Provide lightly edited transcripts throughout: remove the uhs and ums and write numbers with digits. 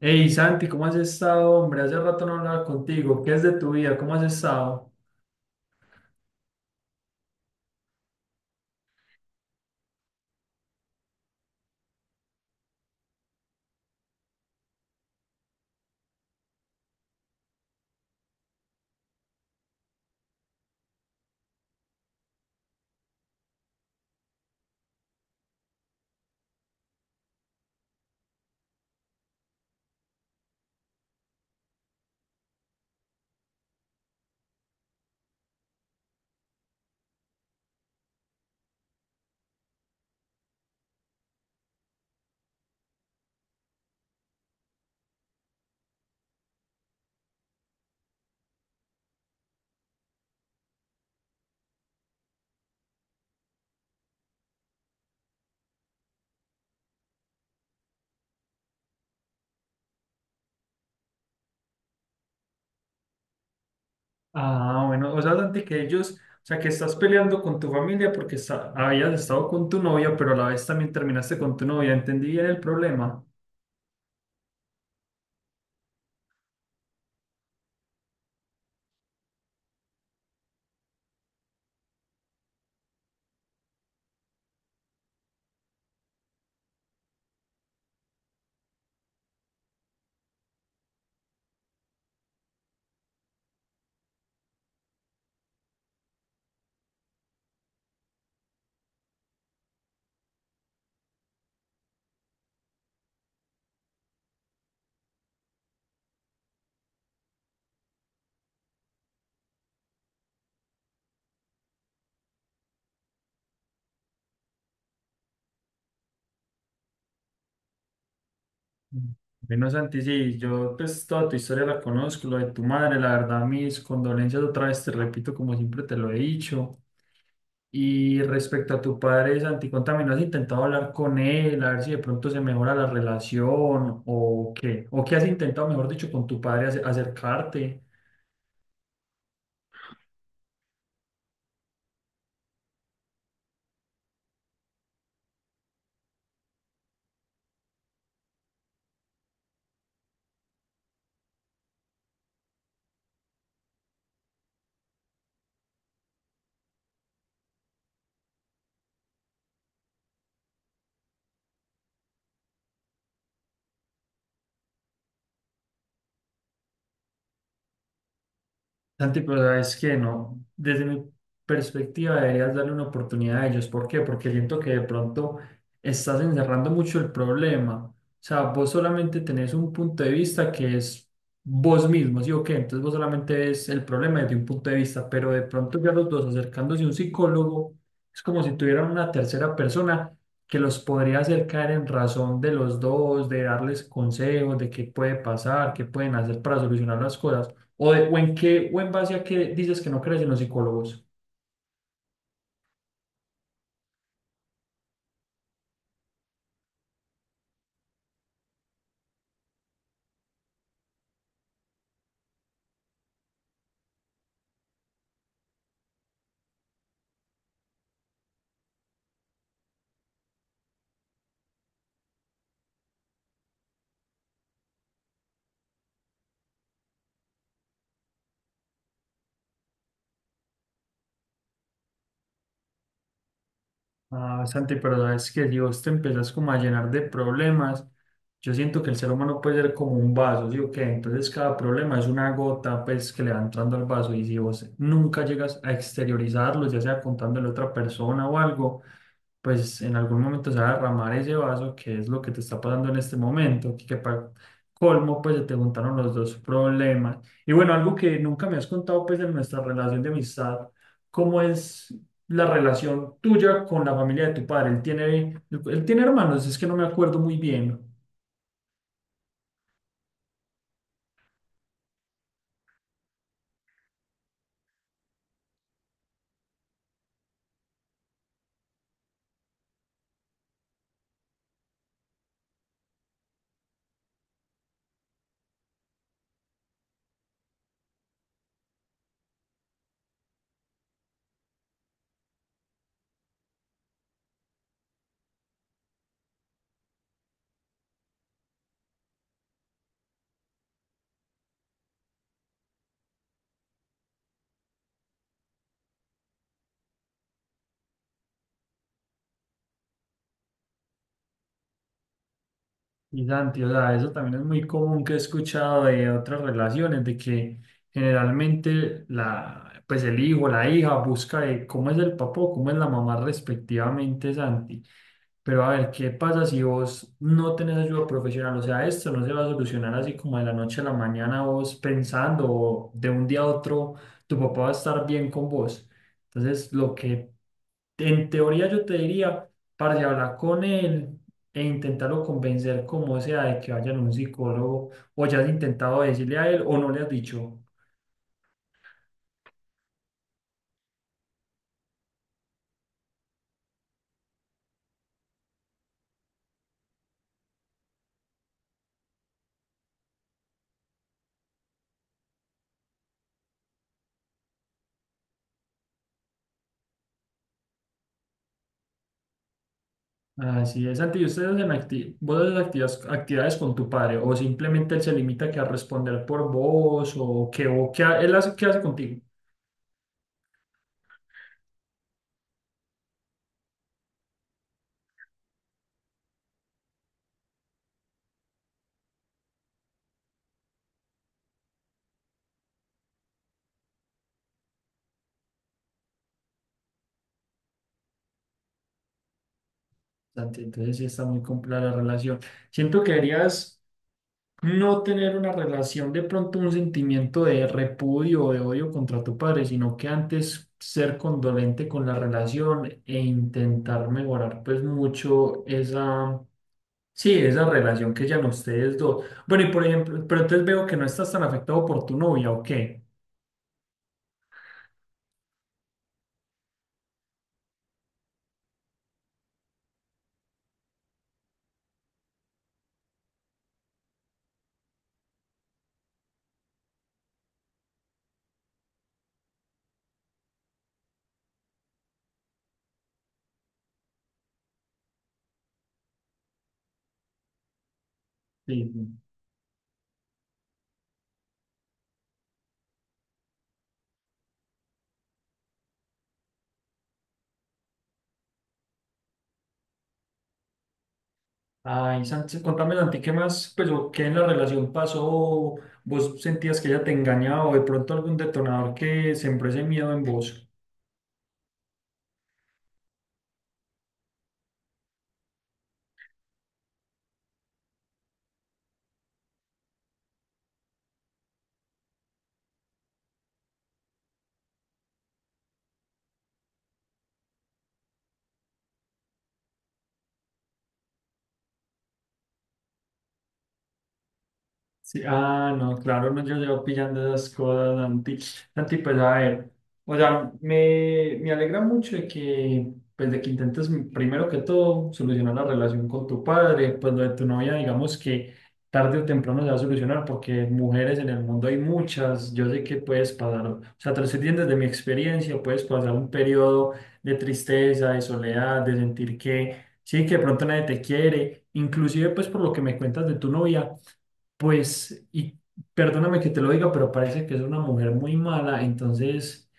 Hey Santi, ¿cómo has estado, hombre? Hace rato no hablaba contigo. ¿Qué es de tu vida? ¿Cómo has estado? Ah, bueno, o sea, Santi, que ellos, o sea, que estás peleando con tu familia porque habías estado con tu novia, pero a la vez también terminaste con tu novia. ¿Entendí bien el problema? Mm. Bueno, Santi, sí, yo pues toda tu historia la conozco, lo de tu madre, la verdad, mis condolencias otra vez, te repito, como siempre te lo he dicho. Y respecto a tu padre Santi, también ¿has intentado hablar con él, a ver si de pronto se mejora la relación o qué? ¿O qué has intentado, mejor dicho, con tu padre acercarte? Santi, pero sabes que no, desde mi perspectiva deberías darle una oportunidad a ellos. ¿Por qué? Porque siento que de pronto estás encerrando mucho el problema. O sea, vos solamente tenés un punto de vista que es vos mismo, ¿sí o qué? Entonces vos solamente ves el problema desde un punto de vista, pero de pronto ya los dos acercándose a un psicólogo, es como si tuvieran una tercera persona que los podría hacer caer en razón de los dos, de darles consejos de qué puede pasar, qué pueden hacer para solucionar las cosas. ¿O, de- o en qué, o en base a qué dices que no crees en los psicólogos? Ah, Santi, pero sabes que si vos te empiezas como a llenar de problemas, yo siento que el ser humano puede ser como un vaso, ¿sí o qué? Entonces cada problema es una gota pues que le va entrando al vaso y si vos nunca llegas a exteriorizarlo, ya sea contándole a otra persona o algo, pues en algún momento se va a derramar ese vaso, que es lo que te está pasando en este momento, que para colmo, pues se te juntaron los dos problemas. Y bueno, algo que nunca me has contado, pues en nuestra relación de amistad, ¿cómo es la relación tuya con la familia de tu padre? Él tiene hermanos, es que no me acuerdo muy bien. Y Santi, o sea, eso también es muy común que he escuchado de otras relaciones, de que generalmente la, pues el hijo, la hija busca de cómo es el papá o cómo es la mamá respectivamente, Santi. Pero a ver, ¿qué pasa si vos no tenés ayuda profesional? O sea, esto no se va a solucionar así como de la noche a la mañana vos pensando o de un día a otro tu papá va a estar bien con vos. Entonces, lo que en teoría yo te diría, para hablar con él e intentarlo convencer como sea de que vayan a un psicólogo o ya has intentado decirle a él o no le has dicho. Así es, Santi, ¿y ustedes hacen vos haces actividades con tu padre o simplemente él se limita que a responder por vos o que o qué él hace, qué hace contigo? Santi, entonces sí está muy compleja la relación. Siento que deberías no tener una relación, de pronto un sentimiento de repudio o de odio contra tu padre, sino que antes ser condolente con la relación e intentar mejorar pues mucho esa, sí, esa relación que ya no ustedes dos. Bueno, y por ejemplo, pero entonces veo que no estás tan afectado por tu novia, ¿o qué? Sí. Sí. Ay, Sánchez, contame, Santi, ¿qué más, pues, o qué en la relación pasó? ¿Vos sentías que ella te engañaba o de pronto algún detonador que sembró ese miedo en vos? Sí, ah, no, claro, no, yo llevo pillando esas cosas, Santi. Santi, pues a ver, o sea, me alegra mucho de que, pues de que intentes primero que todo solucionar la relación con tu padre, pues lo de tu novia, digamos que tarde o temprano se va a solucionar porque mujeres en el mundo hay muchas, yo sé que puedes pasar, o sea, te lo estoy diciendo desde mi experiencia, puedes pasar un periodo de tristeza, de soledad, de sentir que, sí, que de pronto nadie te quiere, inclusive pues por lo que me cuentas de tu novia. Pues, y perdóname que te lo diga, pero parece que es una mujer muy mala, entonces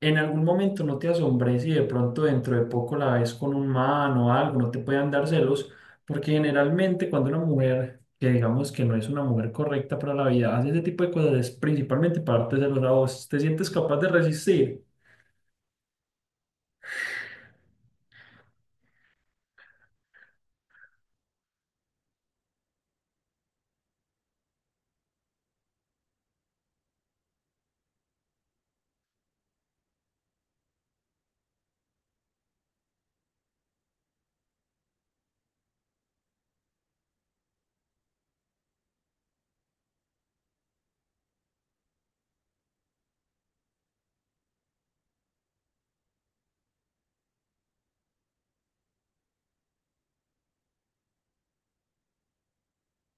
en algún momento no te asombres si de pronto dentro de poco la ves con un man o algo, no te puedan dar celos, porque generalmente cuando una mujer, que digamos que no es una mujer correcta para la vida, hace ese tipo de cosas, es principalmente para darte celos a vos, te sientes capaz de resistir.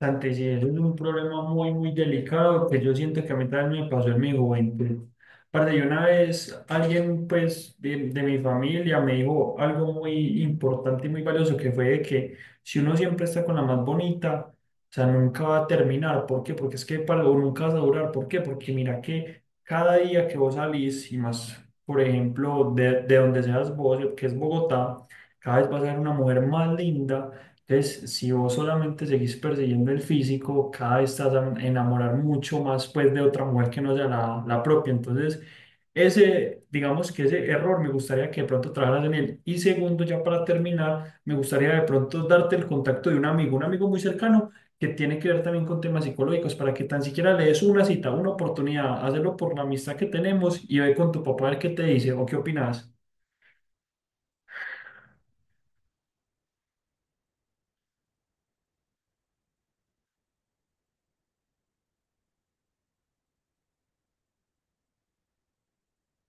Santi, sí, eso es un problema muy, muy delicado que yo siento que a mí también me pasó en mi juventud. Aparte, yo una vez alguien pues de mi familia me dijo algo muy importante y muy valioso que fue de que si uno siempre está con la más bonita, o sea, nunca va a terminar. ¿Por qué? Porque es que para o nunca vas a durar. ¿Por qué? Porque mira que cada día que vos salís y más, por ejemplo, de donde seas vos, que es Bogotá, cada vez vas a ver una mujer más linda entonces, si vos solamente seguís persiguiendo el físico, cada vez estás a enamorar mucho más pues de otra mujer que no sea la propia. Entonces, ese, digamos que ese error me gustaría que de pronto trabajaras en él. Y segundo, ya para terminar, me gustaría de pronto darte el contacto de un amigo muy cercano que tiene que ver también con temas psicológicos, para que tan siquiera le des una cita, una oportunidad, hazlo por la amistad que tenemos y ve con tu papá a ver qué te dice o qué opinas.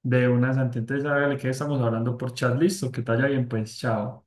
De una, Santi. Entonces, a ver, ¿de qué estamos hablando por chat? Listo, que te vaya bien, pues, chao.